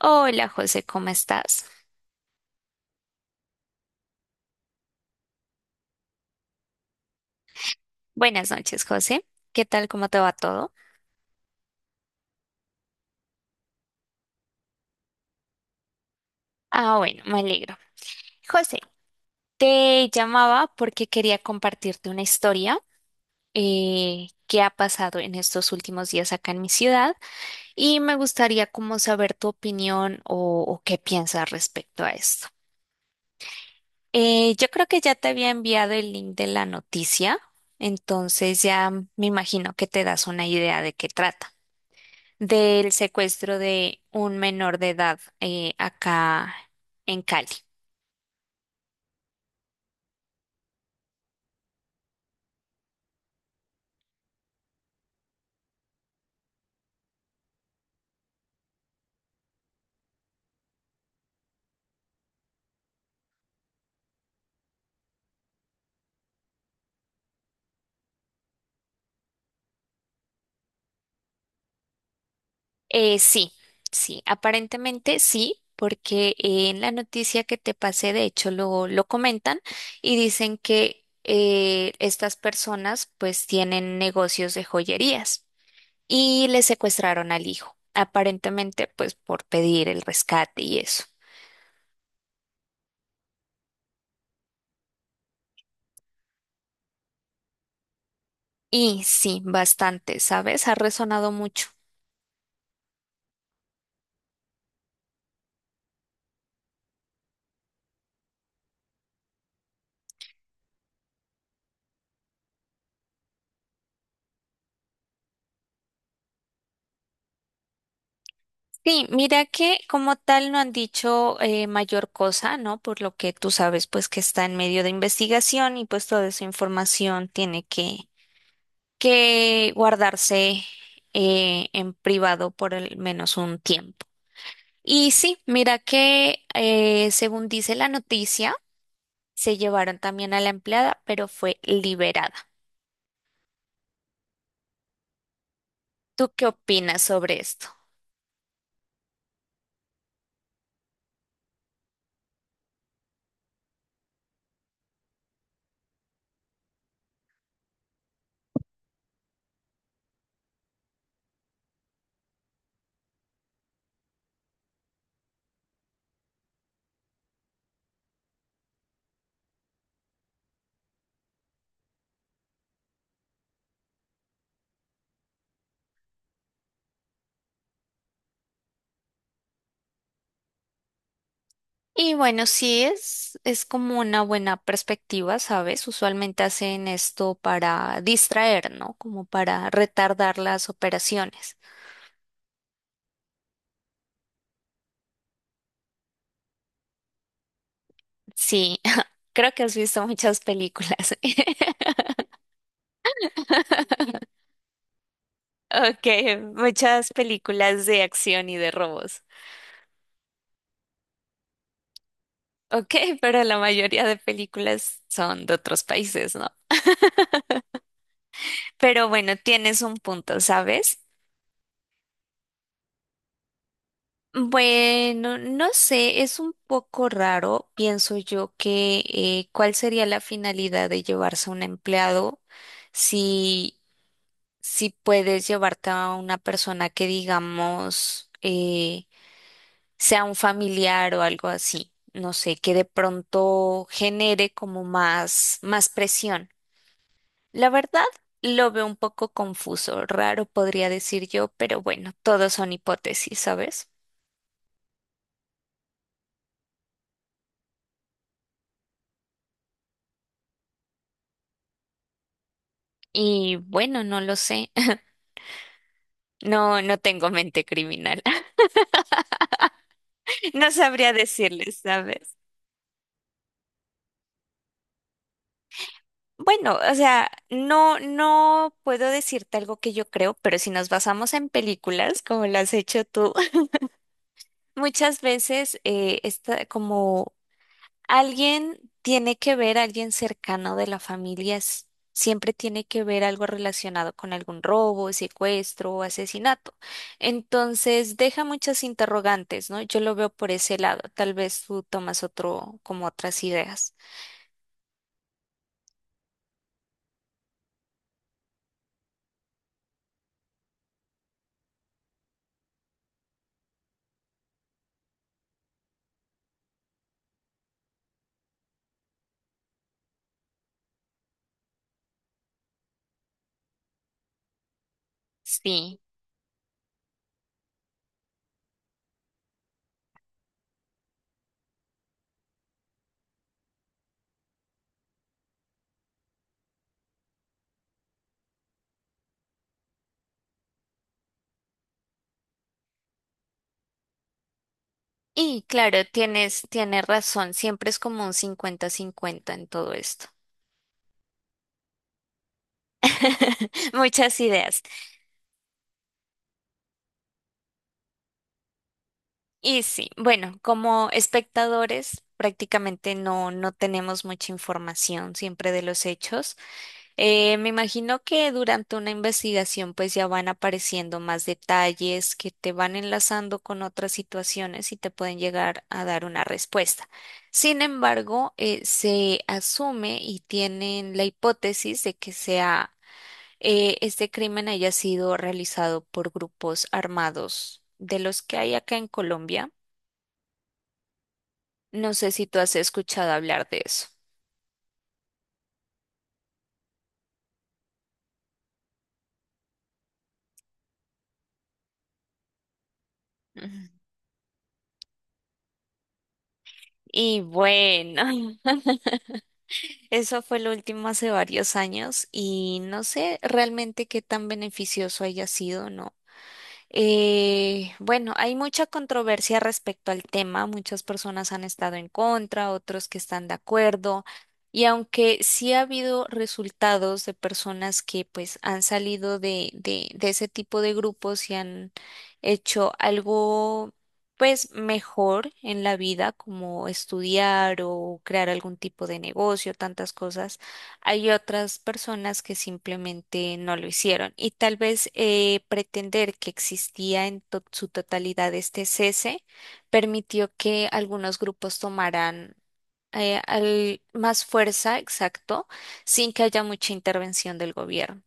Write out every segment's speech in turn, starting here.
Hola José, ¿cómo estás? Buenas noches, José. ¿Qué tal? ¿Cómo te va todo? Ah, bueno, me alegro. José, te llamaba porque quería compartirte una historia que ha pasado en estos últimos días acá en mi ciudad y me gustaría como saber tu opinión o qué piensas respecto a esto. Yo creo que ya te había enviado el link de la noticia, entonces ya me imagino que te das una idea de qué trata. Del secuestro de un menor de edad, acá en Cali. Sí, sí, aparentemente sí, porque en la noticia que te pasé, de hecho, lo comentan y dicen que estas personas pues tienen negocios de joyerías y le secuestraron al hijo, aparentemente pues por pedir el rescate y eso. Y sí, bastante, ¿sabes? Ha resonado mucho. Sí, mira que como tal no han dicho mayor cosa, ¿no? Por lo que tú sabes, pues que está en medio de investigación y pues toda esa información tiene que guardarse en privado por al menos un tiempo. Y sí, mira que según dice la noticia, se llevaron también a la empleada, pero fue liberada. ¿Tú qué opinas sobre esto? Y bueno, es como una buena perspectiva, ¿sabes? Usualmente hacen esto para distraer, ¿no? Como para retardar las operaciones. Sí, creo que has visto muchas películas. Ok, muchas películas de acción y de robos. Ok, pero la mayoría de películas son de otros países, ¿no? Pero bueno, tienes un punto, ¿sabes? Bueno, no sé, es un poco raro, pienso yo, que cuál sería la finalidad de llevarse a un empleado si, si puedes llevarte a una persona que, digamos, sea un familiar o algo así, no sé, que de pronto genere como más presión. La verdad, lo veo un poco confuso, raro podría decir yo, pero bueno, todo son hipótesis, ¿sabes? Y bueno, no lo sé. No, no tengo mente criminal. No sabría decirles, ¿sabes? Bueno, o sea, no, no puedo decirte algo que yo creo, pero si nos basamos en películas, como lo has hecho tú, muchas veces está como. Alguien tiene que ver, alguien cercano de la familia, siempre tiene que ver algo relacionado con algún robo, secuestro o asesinato. Entonces, deja muchas interrogantes, ¿no? Yo lo veo por ese lado. Tal vez tú tomas otro, como otras ideas. Sí. Y claro, tienes razón. Siempre es como un cincuenta-cincuenta en todo esto. Muchas ideas. Y sí, bueno, como espectadores prácticamente no, no tenemos mucha información siempre de los hechos. Me imagino que durante una investigación pues ya van apareciendo más detalles que te van enlazando con otras situaciones y te pueden llegar a dar una respuesta. Sin embargo, se asume y tienen la hipótesis de que sea este crimen haya sido realizado por grupos armados de los que hay acá en Colombia. No sé si tú has escuchado hablar de eso. Ujú. Y bueno, eso fue lo último hace varios años y no sé realmente qué tan beneficioso haya sido, ¿no? Bueno, hay mucha controversia respecto al tema. Muchas personas han estado en contra, otros que están de acuerdo. Y aunque sí ha habido resultados de personas que pues han salido de ese tipo de grupos y han hecho algo pues mejor en la vida, como estudiar o crear algún tipo de negocio, tantas cosas. Hay otras personas que simplemente no lo hicieron y tal vez pretender que existía en su totalidad este cese permitió que algunos grupos tomaran más fuerza, exacto, sin que haya mucha intervención del gobierno.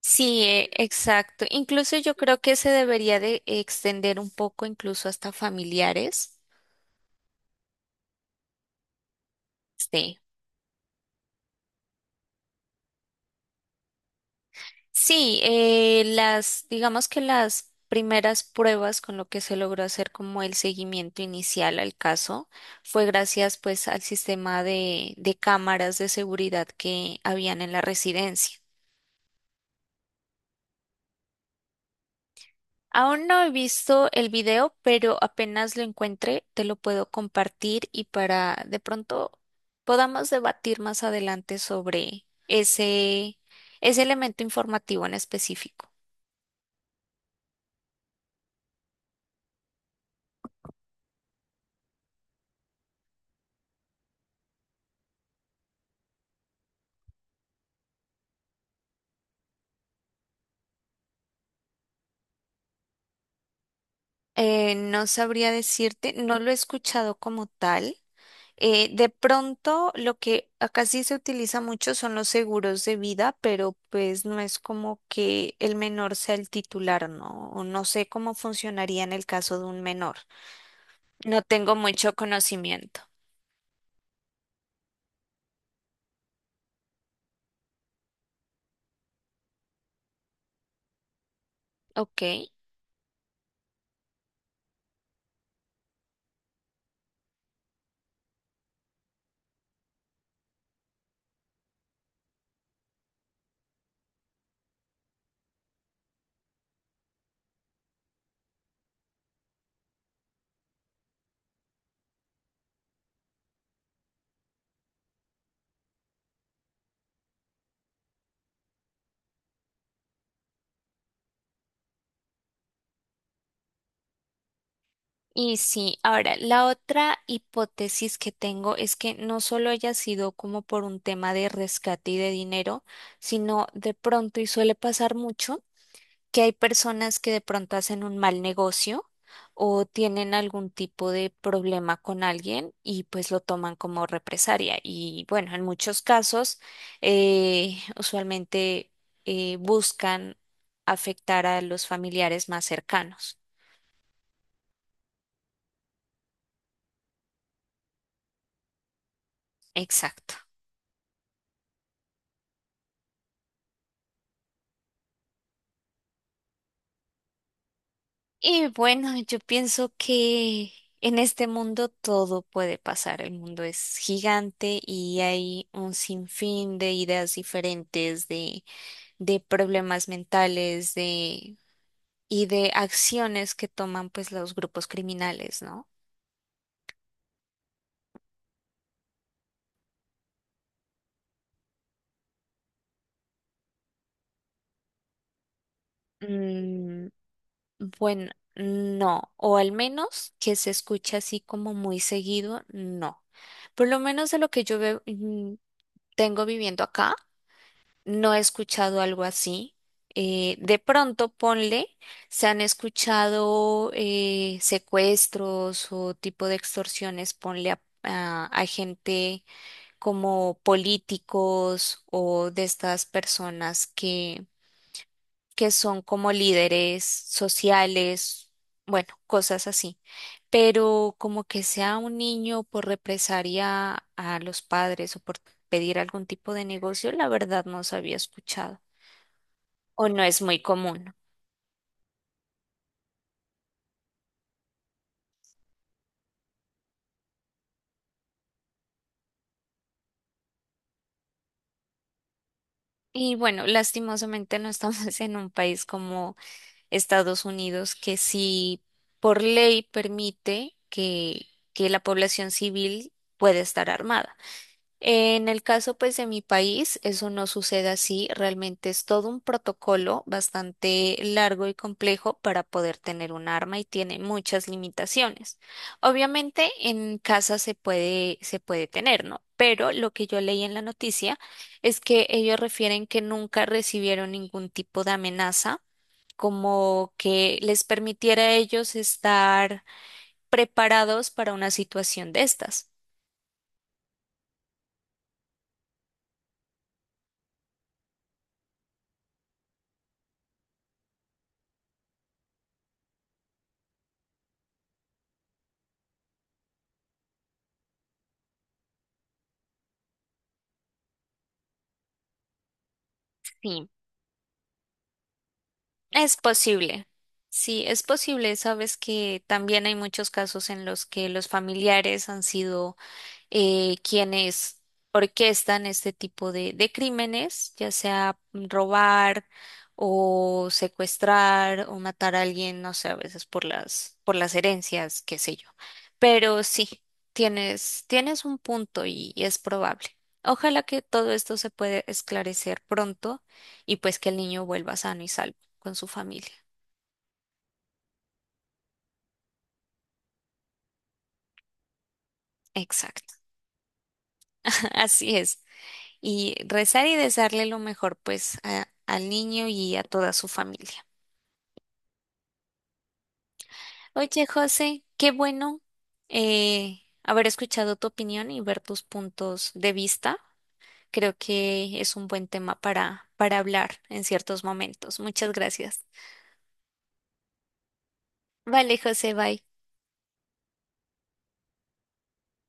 Sí, exacto. Incluso yo creo que se debería de extender un poco incluso hasta familiares. Sí. Sí, las, digamos que las primeras pruebas con lo que se logró hacer como el seguimiento inicial al caso fue gracias pues al sistema de cámaras de seguridad que habían en la residencia. Aún no he visto el video, pero apenas lo encuentre te lo puedo compartir y para de pronto podamos debatir más adelante sobre ese elemento informativo en específico. No sabría decirte, no lo he escuchado como tal. De pronto, lo que acá sí se utiliza mucho son los seguros de vida, pero pues no es como que el menor sea el titular, ¿no? O no sé cómo funcionaría en el caso de un menor. No tengo mucho conocimiento. Ok. Y sí, ahora, la otra hipótesis que tengo es que no solo haya sido como por un tema de rescate y de dinero, sino de pronto, y suele pasar mucho, que hay personas que de pronto hacen un mal negocio o tienen algún tipo de problema con alguien y pues lo toman como represalia. Y bueno, en muchos casos usualmente buscan afectar a los familiares más cercanos. Exacto. Y bueno, yo pienso que en este mundo todo puede pasar. El mundo es gigante y hay un sinfín de ideas diferentes, de problemas mentales, y de acciones que toman pues los grupos criminales, ¿no? Mm, bueno, no, o al menos que se escucha así como muy seguido, no. Por lo menos de lo que yo veo, mm, tengo viviendo acá, no he escuchado algo así. De pronto, ponle, se han escuchado secuestros o tipo de extorsiones, ponle a gente como políticos o de estas personas que son como líderes sociales, bueno, cosas así. Pero como que sea un niño por represalia a los padres o por pedir algún tipo de negocio, la verdad no se había escuchado o no es muy común. Y bueno, lastimosamente no estamos en un país como Estados Unidos que sí por ley permite que la población civil puede estar armada. En el caso pues de mi país, eso no sucede así, realmente es todo un protocolo bastante largo y complejo para poder tener un arma y tiene muchas limitaciones. Obviamente en casa se puede tener, ¿no? Pero lo que yo leí en la noticia es que ellos refieren que nunca recibieron ningún tipo de amenaza como que les permitiera a ellos estar preparados para una situación de estas. Sí, es posible. Sí, es posible. Sabes que también hay muchos casos en los que los familiares han sido quienes orquestan este tipo de crímenes, ya sea robar o secuestrar o matar a alguien, no sé, a veces por las herencias, qué sé yo. Pero sí, tienes un punto y es probable. Ojalá que todo esto se pueda esclarecer pronto y pues que el niño vuelva sano y salvo con su familia. Exacto, así es. Y rezar y desearle lo mejor pues al niño y a toda su familia. Oye, José, qué bueno haber escuchado tu opinión y ver tus puntos de vista. Creo que es un buen tema para hablar en ciertos momentos. Muchas gracias. Vale, José, bye.